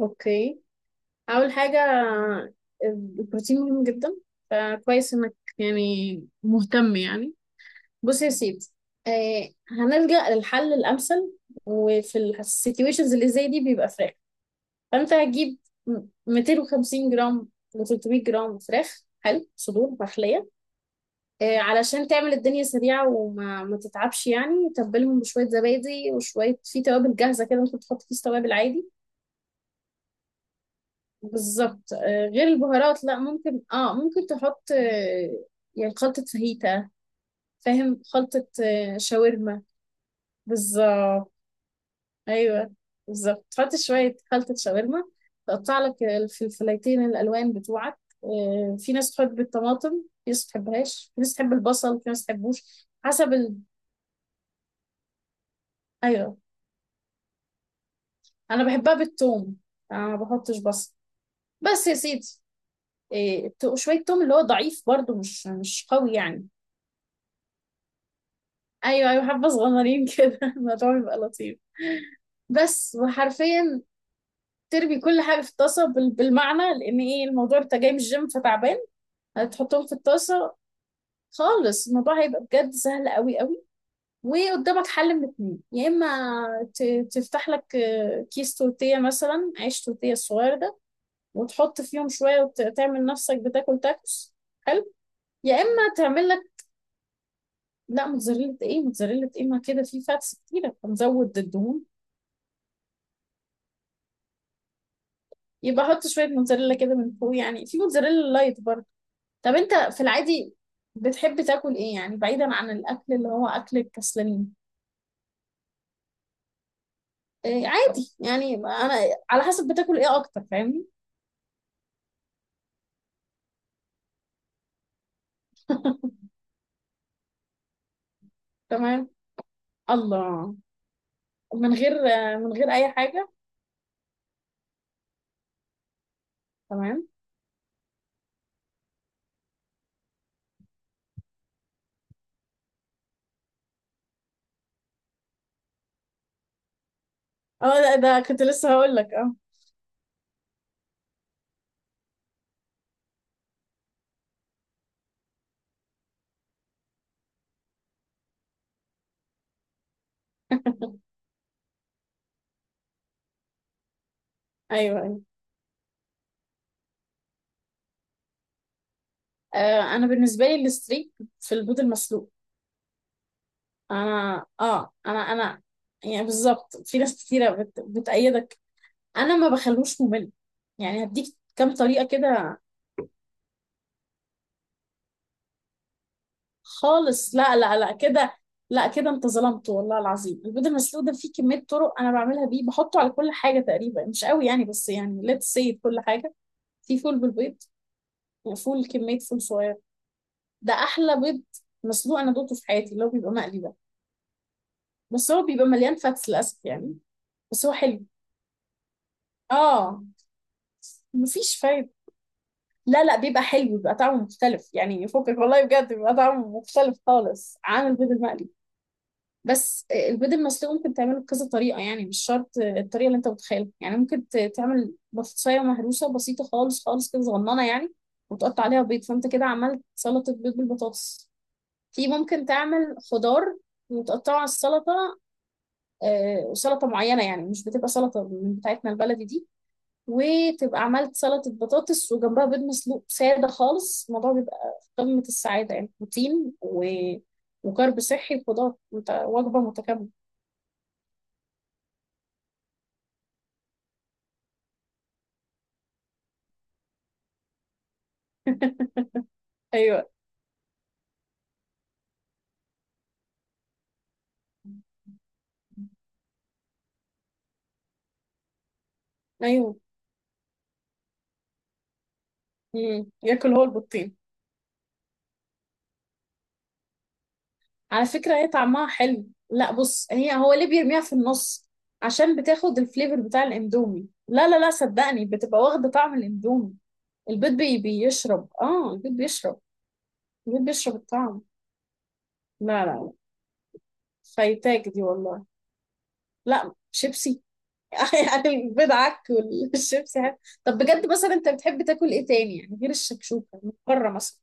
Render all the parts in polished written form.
اوكي. اول حاجه، البروتين مهم جدا، فكويس انك يعني مهتم يعني. بص يا سيدي، آه، هنلجأ للحل الامثل، وفي السيتويشنز اللي زي دي بيبقى فراخ. فانت هتجيب 250 جرام ل 300 جرام فراخ حلو، صدور فخليه آه علشان تعمل الدنيا سريعه وما ما تتعبش، يعني تبلهم بشويه زبادي وشويه في توابل جاهزه كده، ممكن تحط كيس توابل عادي. بالظبط آه، غير البهارات، لا ممكن اه، ممكن تحط آه، يعني خلطة فاهيتا، فاهم؟ خلطة آه، شاورما. بالظبط. ايوه بالظبط، تحط شوية خلطة شاورما، تقطع لك الفلفلايتين الألوان بتوعك آه، في ناس تحب الطماطم، في ناس تحبهاش، في ناس تحب البصل، في ناس تحبوش، حسب ايوه، انا بحبها بالثوم، انا ما بحطش بصل. بس يا سيدي، آه، شوية توم اللي هو ضعيف برضو، مش قوي يعني. ايوه ايوه، حبه صغننين كده الموضوع بيبقى لطيف. بس وحرفيا ترمي كل حاجه في الطاسه بالمعنى، لان ايه، الموضوع انت جاي من الجيم فتعبان. هتحطهم في الطاسه خالص، الموضوع هيبقى بجد سهل قوي قوي. وقدامك حل من اتنين، يا اما تفتح لك آه، كيس تورتيه مثلا، عيش تورتيه الصغير ده، وتحط فيهم شويه وتعمل نفسك بتاكل تاكوس، حلو. يا اما تعمل لك، لا موتزاريلا ايه، موتزاريلا ايه، ما كده في فاتس كتيره فنزود الدهون. يبقى احط شويه موتزاريلا كده من فوق، يعني في موتزاريلا لايت برضه. طب انت في العادي بتحب تاكل ايه، يعني بعيدا عن الاكل اللي هو اكل الكسلانين؟ إيه عادي، يعني انا على حسب بتاكل ايه اكتر، فاهمني؟ تمام. الله. من غير، من غير اي حاجه؟ تمام. اه ده، ده كنت لسه هقول لك اه. ايوه ايوه. آه انا بالنسبه لي الستريك في البيض المسلوق. انا اه انا يعني بالظبط، في ناس كتيره بتأيدك. انا ما بخلوش ممل، يعني هديك كام طريقه كده. خالص لا لا لا كده، لا كده انت ظلمت والله العظيم. البيض المسلوق ده فيه كميه طرق انا بعملها بيه، بحطه على كل حاجه تقريبا، مش قوي يعني بس يعني ليتس سي كل حاجه. في فول بالبيض، وفول كميه فول صغير، ده احلى بيض مسلوق انا دوقته في حياتي، اللي هو بيبقى مقلي ده. بس هو بيبقى مليان فاتس للاسف يعني. بس هو حلو اه، مفيش فايده. لا لا، بيبقى حلو، بيبقى طعمه مختلف يعني، فكك والله بجد، بيبقى طعمه مختلف خالص عن البيض المقلي. بس البيض المسلوق ممكن تعمله بكذا طريقة، يعني مش شرط الطريقة اللي انت متخيلها. يعني ممكن تعمل بطاطساية مهروسة بسيطة خالص خالص كده، صغننة يعني، وتقطع عليها بيض، فانت كده عملت سلطة بيض بالبطاطس. في ممكن تعمل خضار وتقطعه على السلطة آه، وسلطة معينة، يعني مش بتبقى سلطة من بتاعتنا البلدي دي، وتبقى عملت سلطة بطاطس وجنبها بيض مسلوق سادة خالص. الموضوع بيبقى في قمة السعادة، يعني بروتين وكرب صحي وخضار، وانت وجبة متكاملة. ايوه ايوه. امم، ياكل هو البطين. على فكره هي طعمها حلو، لا بص، هي هو ليه بيرميها في النص؟ عشان بتاخد الفليفر بتاع الاندومي، لا لا لا صدقني بتبقى واخده طعم الاندومي. البيض بيشرب، اه البيض بيشرب، البيض بيشرب الطعم. لا لا لا، فايتاك دي والله. لا شيبسي. يعني البيض عك والشيبسي عك. طب بجد مثلا انت بتحب تاكل ايه تاني، يعني غير الشكشوكه من بره مثلا؟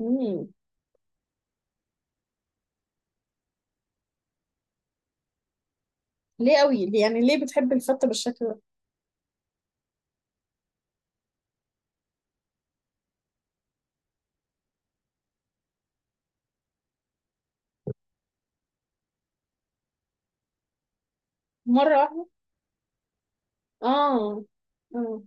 امم. ليه قوي ليه- يعني ليه بتحب الفته بالشكل ده؟ مره. اه اه،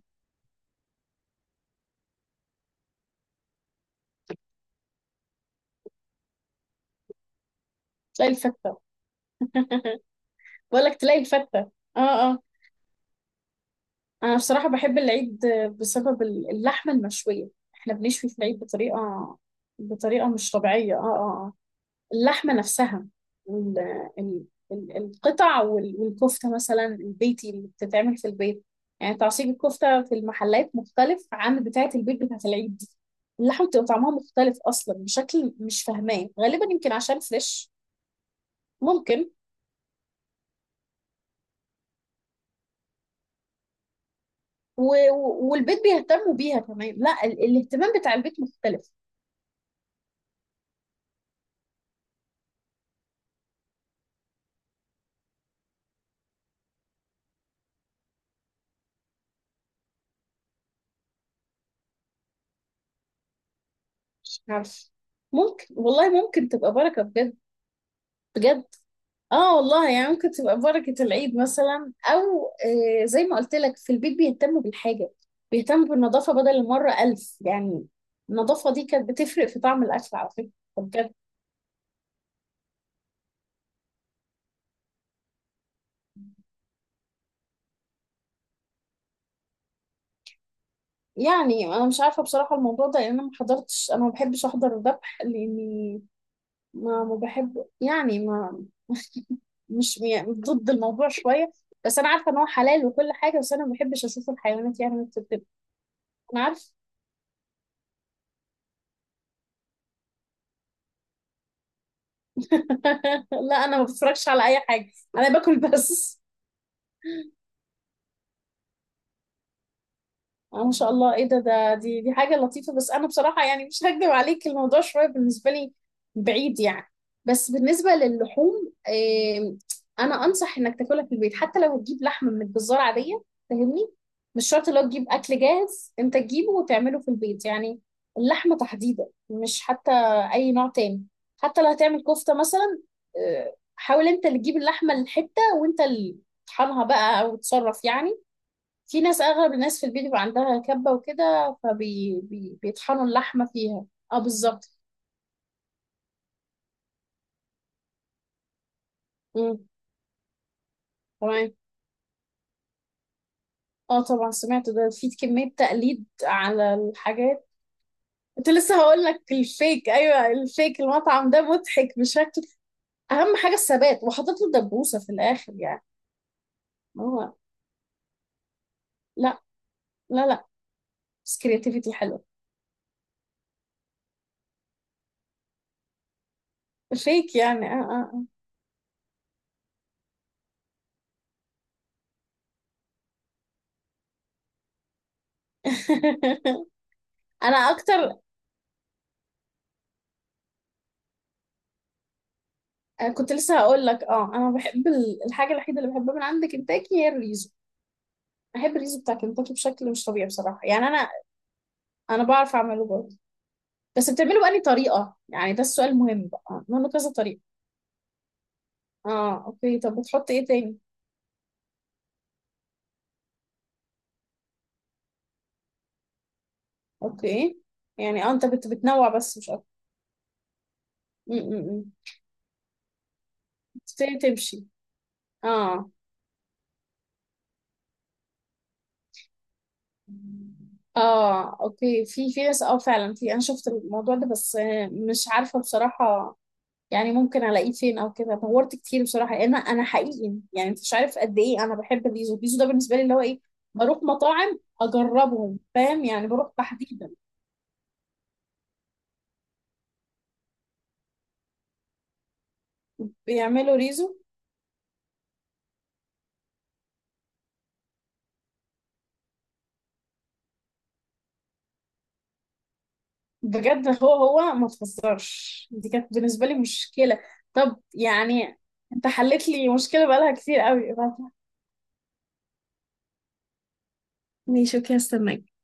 تلاقي الفتة. بقول لك تلاقي الفتة. اه. اه انا بصراحة بحب العيد بسبب اللحمة المشوية. احنا بنشوي في العيد بطريقة، بطريقة مش طبيعية، اه اه آه. اللحمة نفسها ال... ال... القطع والكفتة مثلا، البيتي اللي بتتعمل في البيت، يعني تعصيب الكفتة في المحلات مختلف عن بتاعة البيت، بتاعة العيد دي. اللحمة بتبقى طعمها مختلف أصلا، بشكل مش فاهماه، غالبا يمكن عشان فريش، ممكن. والبيت بيهتموا بيها كمان، لا الاهتمام بتاع البيت مختلف. مش عارف، ممكن والله، ممكن تبقى بركة بجد. بجد اه والله، يعني ممكن تبقى بركة العيد مثلا، او آه، زي ما قلت لك في البيت بيهتموا بالحاجة، بيهتموا بالنظافة بدل المرة ألف يعني. النظافة دي كانت بتفرق في طعم الأكل على فكرة. بجد يعني أنا مش عارفة بصراحة الموضوع ده، لأن أنا ما حضرتش، أنا ما بحبش أحضر الذبح، لأني ما بحب، يعني ما مش يعني ضد الموضوع شوية، بس أنا عارفة إن هو حلال وكل حاجة، بس أنا ما بحبش أشوف الحيوانات يعني بتتذبح. أنا عارفة. لا أنا ما بتفرجش على أي حاجة، أنا باكل بس. اه ما شاء الله، ايه ده، ده دي دي حاجة لطيفة. بس انا بصراحة يعني مش هكدب عليك، الموضوع شوية بالنسبة لي بعيد يعني. بس بالنسبة للحوم، إيه، انا انصح انك تاكلها في البيت، حتى لو هتجيب لحمة من الجزار عادية. فاهمني؟ مش شرط لو تجيب اكل جاهز، انت تجيبه وتعمله في البيت يعني. اللحمة تحديدا، مش حتى اي نوع تاني، حتى لو هتعمل كفتة مثلا. إيه، حاول انت اللي تجيب اللحمة الحتة، وانت اللي تطحنها بقى او تصرف يعني. في ناس، اغلب الناس في البيت بيبقى عندها كبة وكده، فبيطحنوا اللحمة فيها. اه بالظبط. امم تمام. اه طبعا سمعت ده، في كمية تقليد على الحاجات. كنت لسه هقول لك الفيك، ايوه الفيك. المطعم ده مضحك بشكل، اهم حاجة الثبات، وحاطط له دبوسة في الاخر يعني. هو لا لا لا. بس كرياتيفيتي حلوة. الفيك يعني اه اه آه. انا اكتر. كنت لسه هقول لك اه، انا بحب الحاجة الوحيدة اللي بحبها من عند كنتاكي هي الريزو. بحب الريزو بتاع كنتاكي بشكل مش طبيعي بصراحة، يعني أنا، أنا بعرف أعمله برضه، بس بتعمله بأني طريقة يعني؟ ده السؤال المهم بقى، منه كذا طريقة. اه اوكي، طب بتحط ايه تاني؟ اوكي. يعني اه انت بتنوع بس مش اكتر. م- م- م. تبتدي تمشي؟ اه اه. اوكي. في في ناس اه فعلا، في انا شفت الموضوع ده بس آه، مش عارفة بصراحة يعني ممكن الاقيه فين او كده. دورت كتير بصراحه، لان انا حقيقي يعني انت مش عارف قد ايه انا بحب البيزو، البيزو ده بالنسبه لي اللي هو ايه. بروح مطاعم اجربهم، فاهم يعني؟ بروح تحديدا بيعملوا ريزو. بجد هو هو ما تهزرش، دي كانت بالنسبه لي مشكله. طب يعني انت حلت لي مشكله بقالها كتير قوي. ماشي اوكي، هستناك.